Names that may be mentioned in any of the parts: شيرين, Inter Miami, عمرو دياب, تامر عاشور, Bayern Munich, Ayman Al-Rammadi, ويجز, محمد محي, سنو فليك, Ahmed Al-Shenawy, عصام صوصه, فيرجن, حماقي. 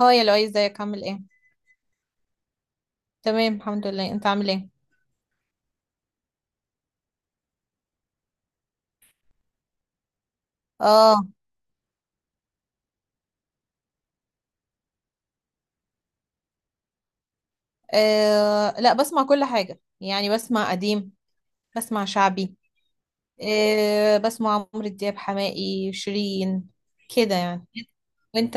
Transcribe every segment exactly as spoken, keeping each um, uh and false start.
هاي يا لؤي، ازيك؟ عامل ايه؟ تمام الحمد لله، انت عامل ايه؟ اه. آه، لا، بسمع كل حاجه يعني، بسمع قديم، بسمع شعبي. آه بسمع عمرو دياب، حماقي، شيرين كده يعني. وانت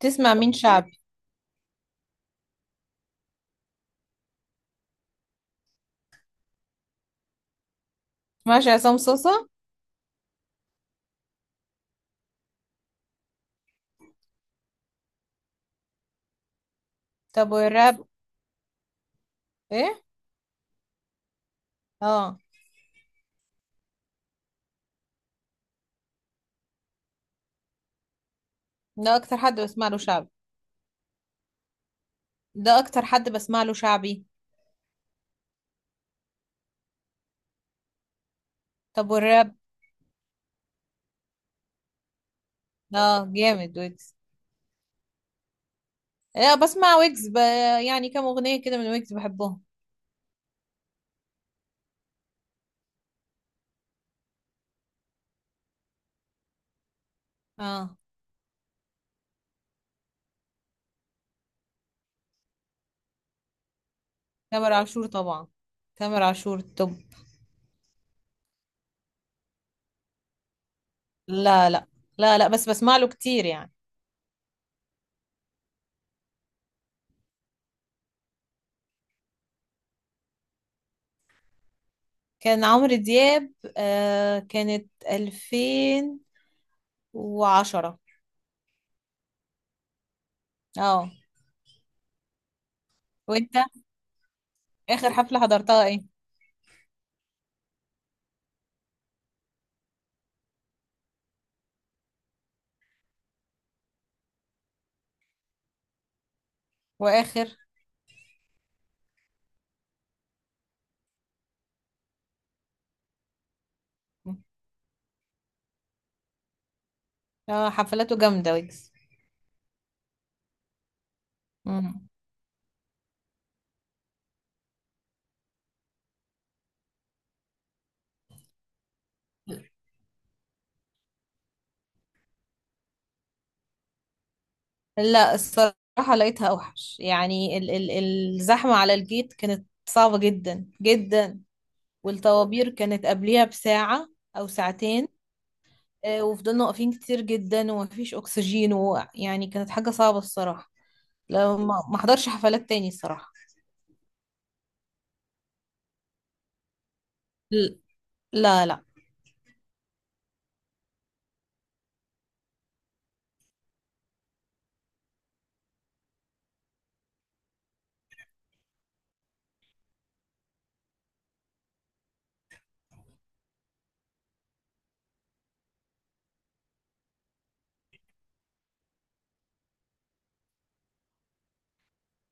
تسمع مين شعبي؟ ماشي. عصام صوصه. طب والراب؟ ايه؟ اه. ده اكتر حد بسمع له شعبي. ده اكتر حد بسمع له شعبي. طب والراب؟ اه جامد ويجز. لا بسمع ويجز ب... يعني كام اغنيه كده من ويجز بحبهم. اه. تامر عاشور طبعا. تامر عاشور. طب، لا لا. لا لا، بس بسمع له كتير يعني. كان عمرو دياب، آه كانت الفين وعشرة. اه. وانت، اخر حفلة حضرتها ايه؟ واخر؟ اه، حفلاته جامدة ويجز. مم. لا الصراحة لقيتها اوحش، يعني ال ال الزحمة على الجيت كانت صعبة جدا جدا، والطوابير كانت قبليها بساعة او ساعتين. آه، وفضلنا واقفين كتير جدا ومفيش اكسجين، ويعني كانت حاجة صعبة الصراحة. لو ما ما حضرش حفلات تاني الصراحة. ل- لا لا.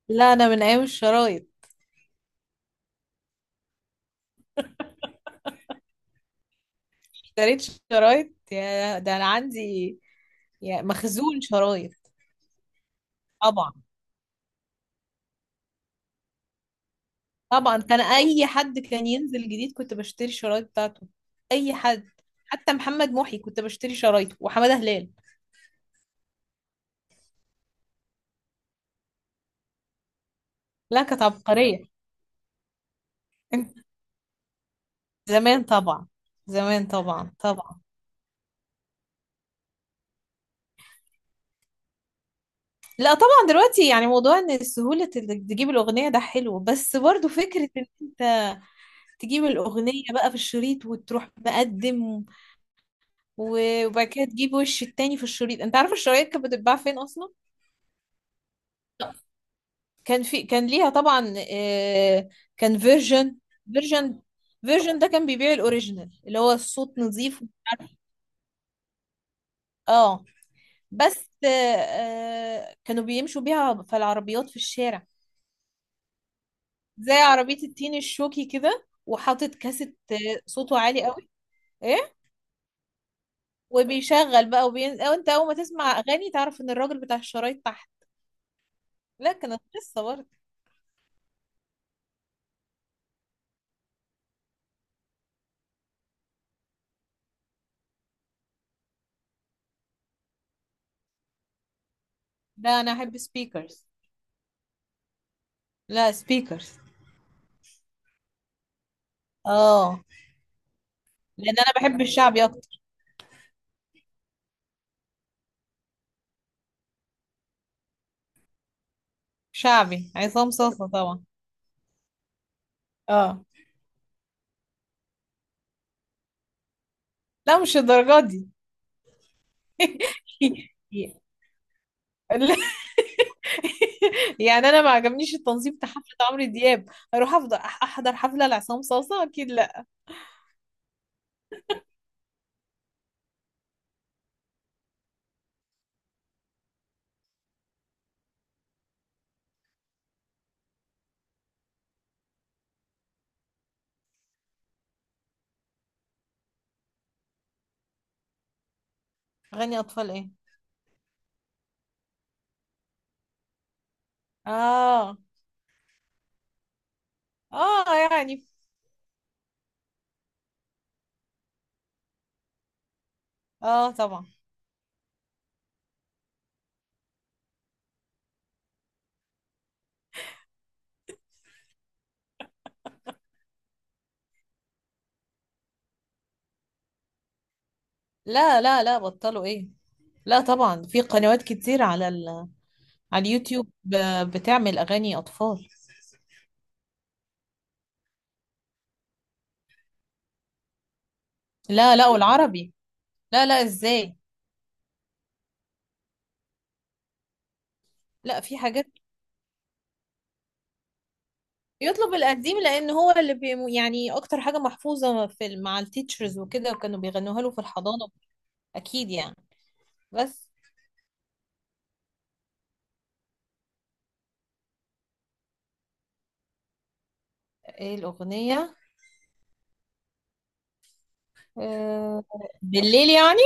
لا، انا من ايام الشرايط. اشتريت شرايط، يا ده انا عندي يا مخزون شرايط. طبعا طبعا. كان اي حد كان ينزل جديد كنت بشتري الشرايط بتاعته. اي حد. حتى محمد محي كنت بشتري شرايطه، وحمادة هلال. لا كانت عبقرية. زمان طبعا. زمان طبعا طبعا. لا طبعا دلوقتي، يعني موضوع ان سهولة انك تجيب الاغنية ده حلو، بس برضو فكرة ان انت تجيب الاغنية بقى في الشريط وتروح مقدم، و- وبعد كده تجيب وش التاني في الشريط. انت عارف الشرايط كانت بتتباع فين اصلا؟ كان في، كان ليها طبعا، آه، كان فيرجن. فيرجن. فيرجن ده كان بيبيع الاوريجينال، اللي هو الصوت نظيف ومش عارف. اه، بس، آه، آه، كانوا بيمشوا بيها في العربيات في الشارع، زي عربية التين الشوكي كده وحاطط كاسيت، آه، صوته عالي قوي. ايه. وبيشغل بقى، وبين... أو انت اول ما تسمع اغاني تعرف ان الراجل بتاع الشرايط تحت. لا كانت قصة برضه. لا انا احب سبيكرز. لا سبيكرز. اه، لان انا بحب الشعبي اكتر. شعبي عصام صاصة طبعا. اه. لا مش الدرجات دي. لا. يعني انا ما عجبنيش التنظيم بتاع حفلة عمرو دياب، اروح افضل أح- احضر حفلة لعصام صاصة؟ اكيد لا. اغاني اطفال ايه؟ اه. اه يعني. اه طبعا. لا لا لا، بطلوا ايه؟ لا طبعا، في قنوات كتير على ال... على اليوتيوب ب- بتعمل اغاني اطفال. لا لا، والعربي. لا لا، ازاي؟ لا في حاجات. يطلب القديم لان هو اللي بي... يعني اكتر حاجة محفوظة في ال- مع التيتشرز وكده، وكانوا بيغنوها له في الحضانة اكيد يعني. بس ايه الاغنية؟ آه، بالليل يعني.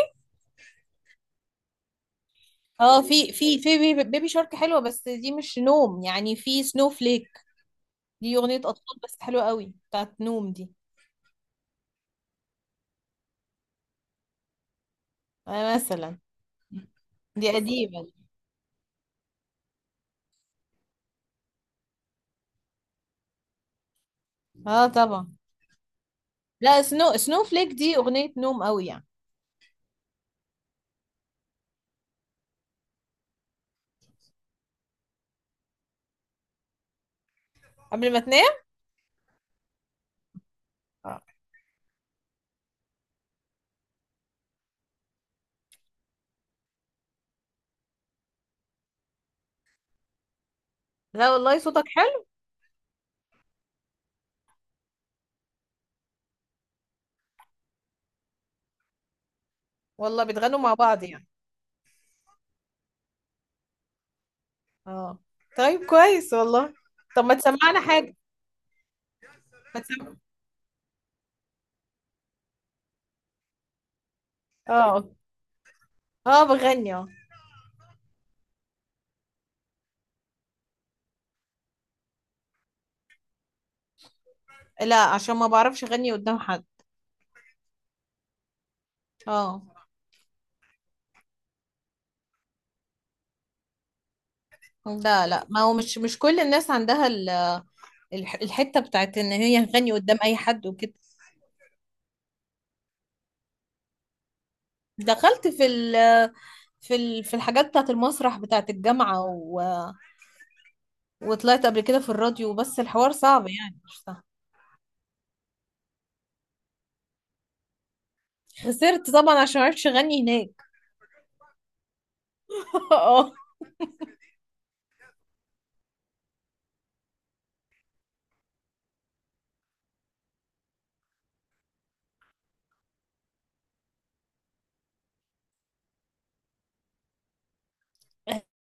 اه في في في بيبي، بيبي شارك حلوة، بس دي مش نوم يعني. في سنو فليك، دي أغنية أطفال بس حلوة قوي، بتاعت نوم دي. آه، مثلا. دي قديمة دي. اه طبعا. لا سنو، سنو فليك دي أغنية نوم قوي يعني. قبل ما تنام. لا والله صوتك حلو. والله بتغنوا مع بعض يعني. اه. طيب كويس والله. طب ما تسمعنا حاجة. ما تسمع. اه. اه بغني اه. لا عشان ما بعرفش اغني قدام حد. اه. لا لا، ما هو مش مش كل الناس عندها ال- الح- الحتة بتاعت ان هي تغني قدام اي حد وكده. دخلت في ال، في ال- في الحاجات بتاعت المسرح بتاعت الجامعة و... وطلعت قبل كده في الراديو، بس الحوار صعب يعني، مش سهل. خسرت طبعا عشان معرفش اغني هناك. اه.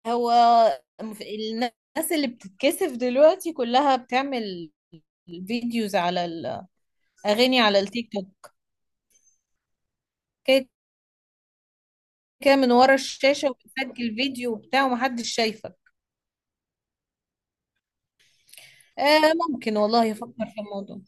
هو في- الناس اللي بتتكسف دلوقتي كلها بتعمل فيديوز على الاغاني على التيك توك كده، كده من ورا الشاشة وبتسجل فيديو وبتاع ومحدش شايفك. آه ممكن والله افكر في الموضوع.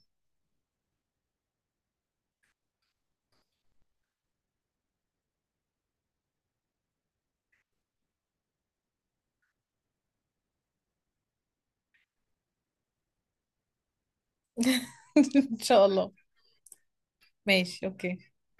ان شاء الله. ماشي اوكي. يلا.